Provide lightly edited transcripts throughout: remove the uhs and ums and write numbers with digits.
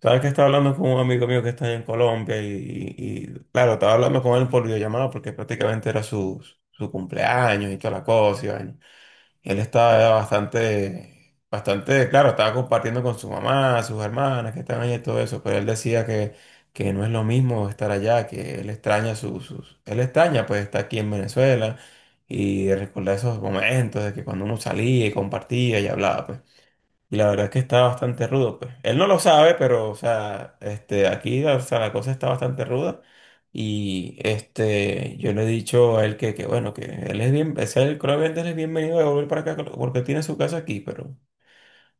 Sabes que estaba hablando con un amigo mío que está en Colombia y, claro, estaba hablando con él por videollamada porque prácticamente era su cumpleaños y toda la cosa. Y vaina. Y él estaba bastante, claro, estaba compartiendo con su mamá, sus hermanas que están allá y todo eso, pero él decía que no es lo mismo estar allá, que él extraña él extraña pues estar aquí en Venezuela y recordar esos momentos de que cuando uno salía y compartía y hablaba pues. Y la verdad es que está bastante rudo, pues. Él no lo sabe, pero, o sea, este, aquí, o sea, la cosa está bastante ruda. Y, este, yo le he dicho a él que bueno, que él es bien, ese él, creo que él es bienvenido a volver para acá porque él tiene su casa aquí, pero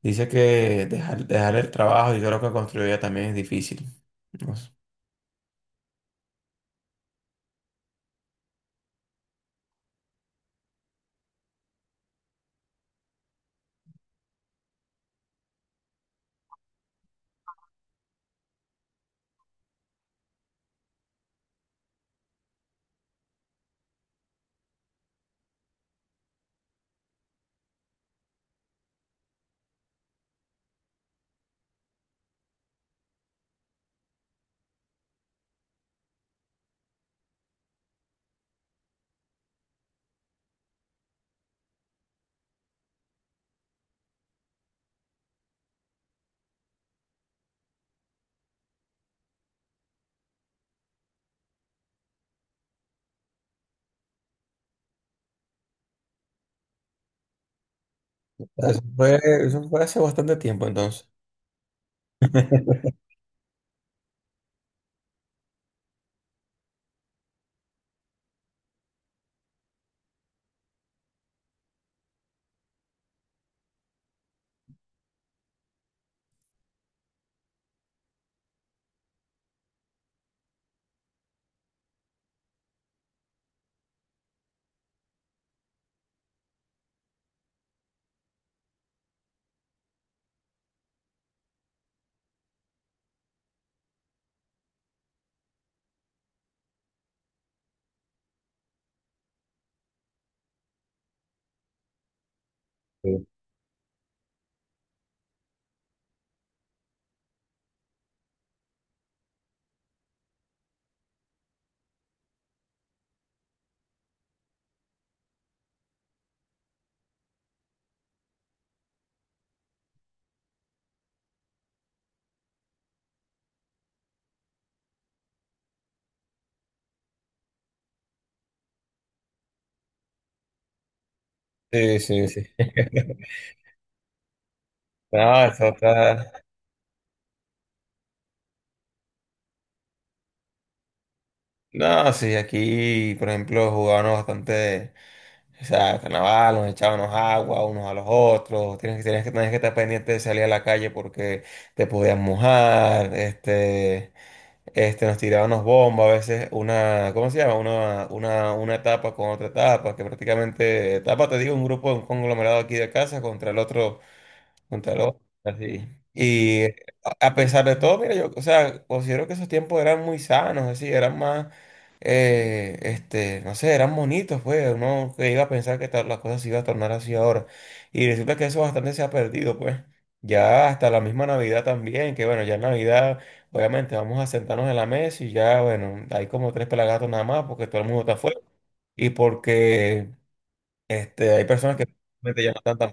dice que dejar el trabajo y todo lo que construyó ya también es difícil. No sé. Eso fue, eso fue hace bastante tiempo, entonces. Sí, sí, sí, sí. No, eso está. No, sí, aquí, por ejemplo, jugábamos bastante, o sea, carnaval, nos echábamos agua unos a los otros, tenías que estar pendiente de salir a la calle porque te podías mojar, nos tirábamos bombas, a veces una, ¿cómo se llama? Una etapa con otra etapa, que prácticamente, etapa, te digo, un grupo, un conglomerado aquí de casa contra el otro Montaló, así. Y a pesar de todo, mira, yo, o sea, considero que esos tiempos eran muy sanos, así, eran más, no sé, eran bonitos, pues, uno que iba a pensar que las cosas se iban a tornar así ahora. Y resulta que eso bastante se ha perdido, pues. Ya hasta la misma Navidad también, que bueno, ya en Navidad, obviamente, vamos a sentarnos en la mesa y ya, bueno, hay como tres pelagatos nada más porque todo el mundo está afuera y porque, este, hay personas que realmente ya no están tan.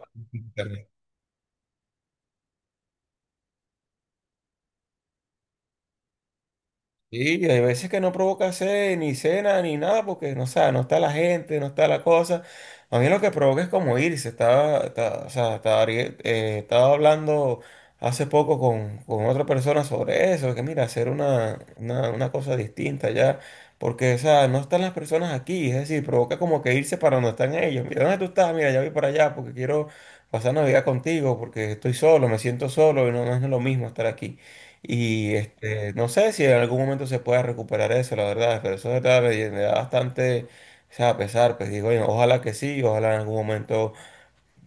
Sí, y hay veces que no provoca sed, ni cena, ni nada, porque no, o sea, no está la gente, no está la cosa. A mí lo que provoca es como irse. O sea, estaba hablando hace poco con otra persona sobre eso, que mira, hacer una cosa distinta ya, porque, o sea, no están las personas aquí, es decir, provoca como que irse para donde están ellos. Mira, ¿dónde tú estás? Mira, ya voy para allá porque quiero pasar Navidad contigo, porque estoy solo, me siento solo y no, no es lo mismo estar aquí. Y este, no sé si en algún momento se pueda recuperar eso, la verdad, pero eso de verdad me da bastante, o sea, pesar, pues digo, "Oye, ojalá que sí, ojalá en algún momento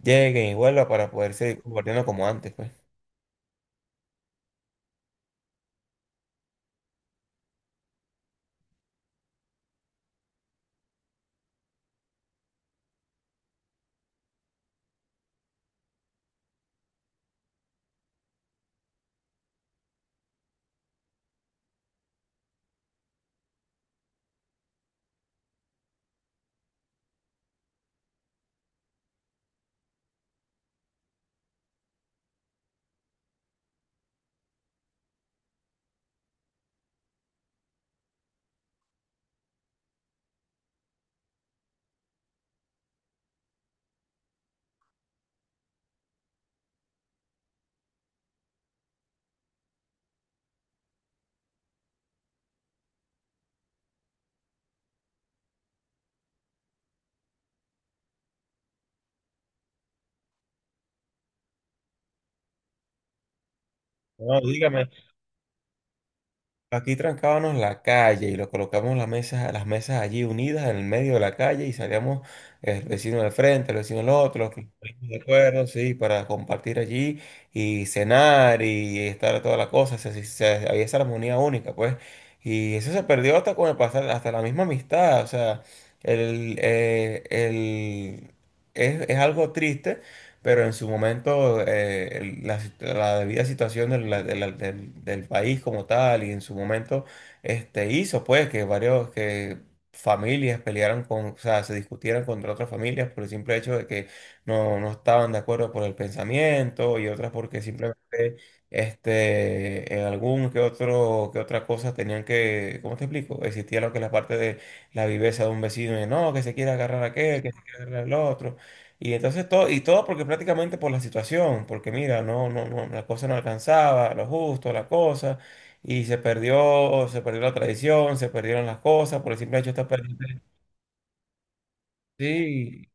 lleguen y vuelva para poder seguir compartiendo como antes, pues. No, dígame. Aquí trancábamos la calle y lo colocamos las mesas allí unidas en el medio de la calle y salíamos el vecino del frente, el vecino del otro, los que estuvimos de acuerdo, sí, para compartir allí y cenar y estar toda la cosa. Había esa armonía única, pues. Y eso se perdió hasta con el pasar, hasta la misma amistad. O sea, el, eh, el, es algo triste pero en su momento la debida situación del, la- del- del- del país como tal y en su momento este, hizo pues que varios que familias pelearan con, o sea, se discutieran contra otras familias por el simple hecho de que no, no estaban de acuerdo por el pensamiento y otras porque simplemente este, en algún que otro, que otra cosa tenían que, ¿cómo te explico? Existía lo que es la parte de la viveza de un vecino de no, que se quiere agarrar a aquel, que se quiere agarrar al otro. Y entonces todo, y todo porque prácticamente por la situación, porque mira, no, no, no, la cosa no alcanzaba, lo justo, la cosa, y se perdió la tradición, se perdieron las cosas, por el simple hecho de estar perdiendo. Sí,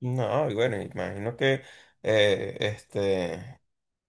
no, y bueno, imagino que este.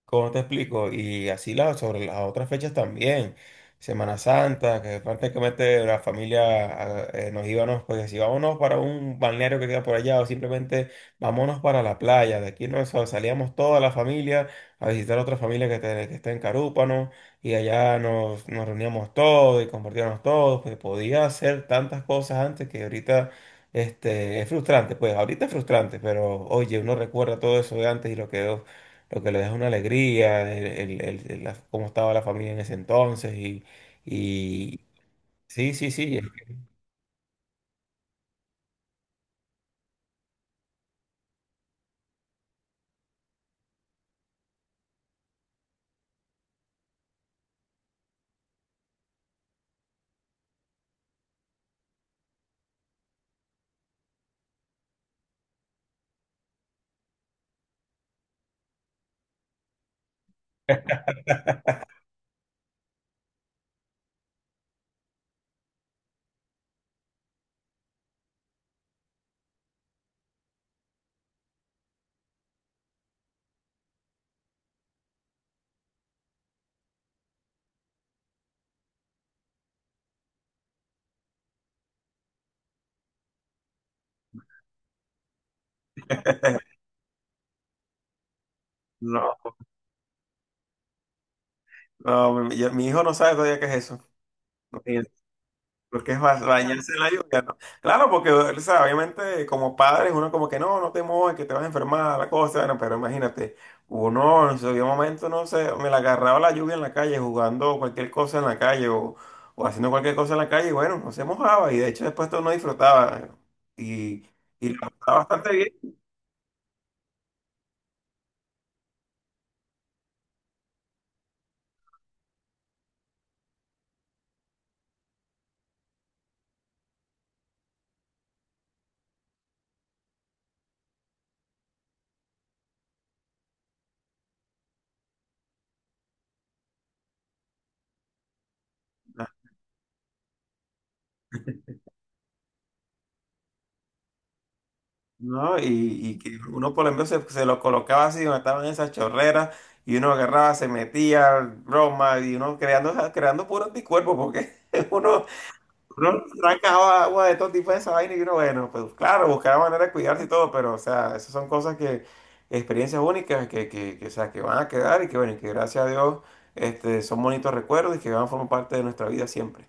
¿Cómo te explico? Y así la, sobre las otras fechas también. Semana Santa, que prácticamente la familia ah, nos íbamos, pues si vámonos para un balneario que queda por allá o simplemente vámonos para la playa. De aquí nos salíamos toda la familia a visitar otra familia que está en Carúpano y allá nos reuníamos todos y compartíamos todos. Pues podía hacer tantas cosas antes que ahorita este, es frustrante. Pues ahorita es frustrante, pero oye, uno recuerda todo eso de antes y lo quedó lo que le deja una alegría, cómo estaba la familia en ese entonces y sí, sí, sí. No, no, mi hijo no sabe todavía qué es eso. Porque es bañarse en la lluvia, ¿no? Claro, porque, o sea, obviamente como padres uno como que no, no te mojes, que te vas a enfermar, la cosa, bueno, pero imagínate, uno en su debido momento, no sé, me la agarraba la lluvia en la calle jugando cualquier cosa en la calle o haciendo cualquier cosa en la calle y bueno, no se mojaba y de hecho después todo uno disfrutaba y, y la pasaba bastante bien. ¿No? Y que uno por ejemplo se lo colocaba así donde estaban esas chorreras y uno agarraba, se metía, broma, y uno creando, ja, creando puro anticuerpo porque uno, uno arrancaba agua de todo tipo de esa vaina y uno, bueno, pues claro, buscaba manera de cuidarse y todo, pero o sea, esas son cosas que, experiencias únicas o sea, que van a quedar y que bueno, y que gracias a Dios este, son bonitos recuerdos y que van a formar parte de nuestra vida siempre.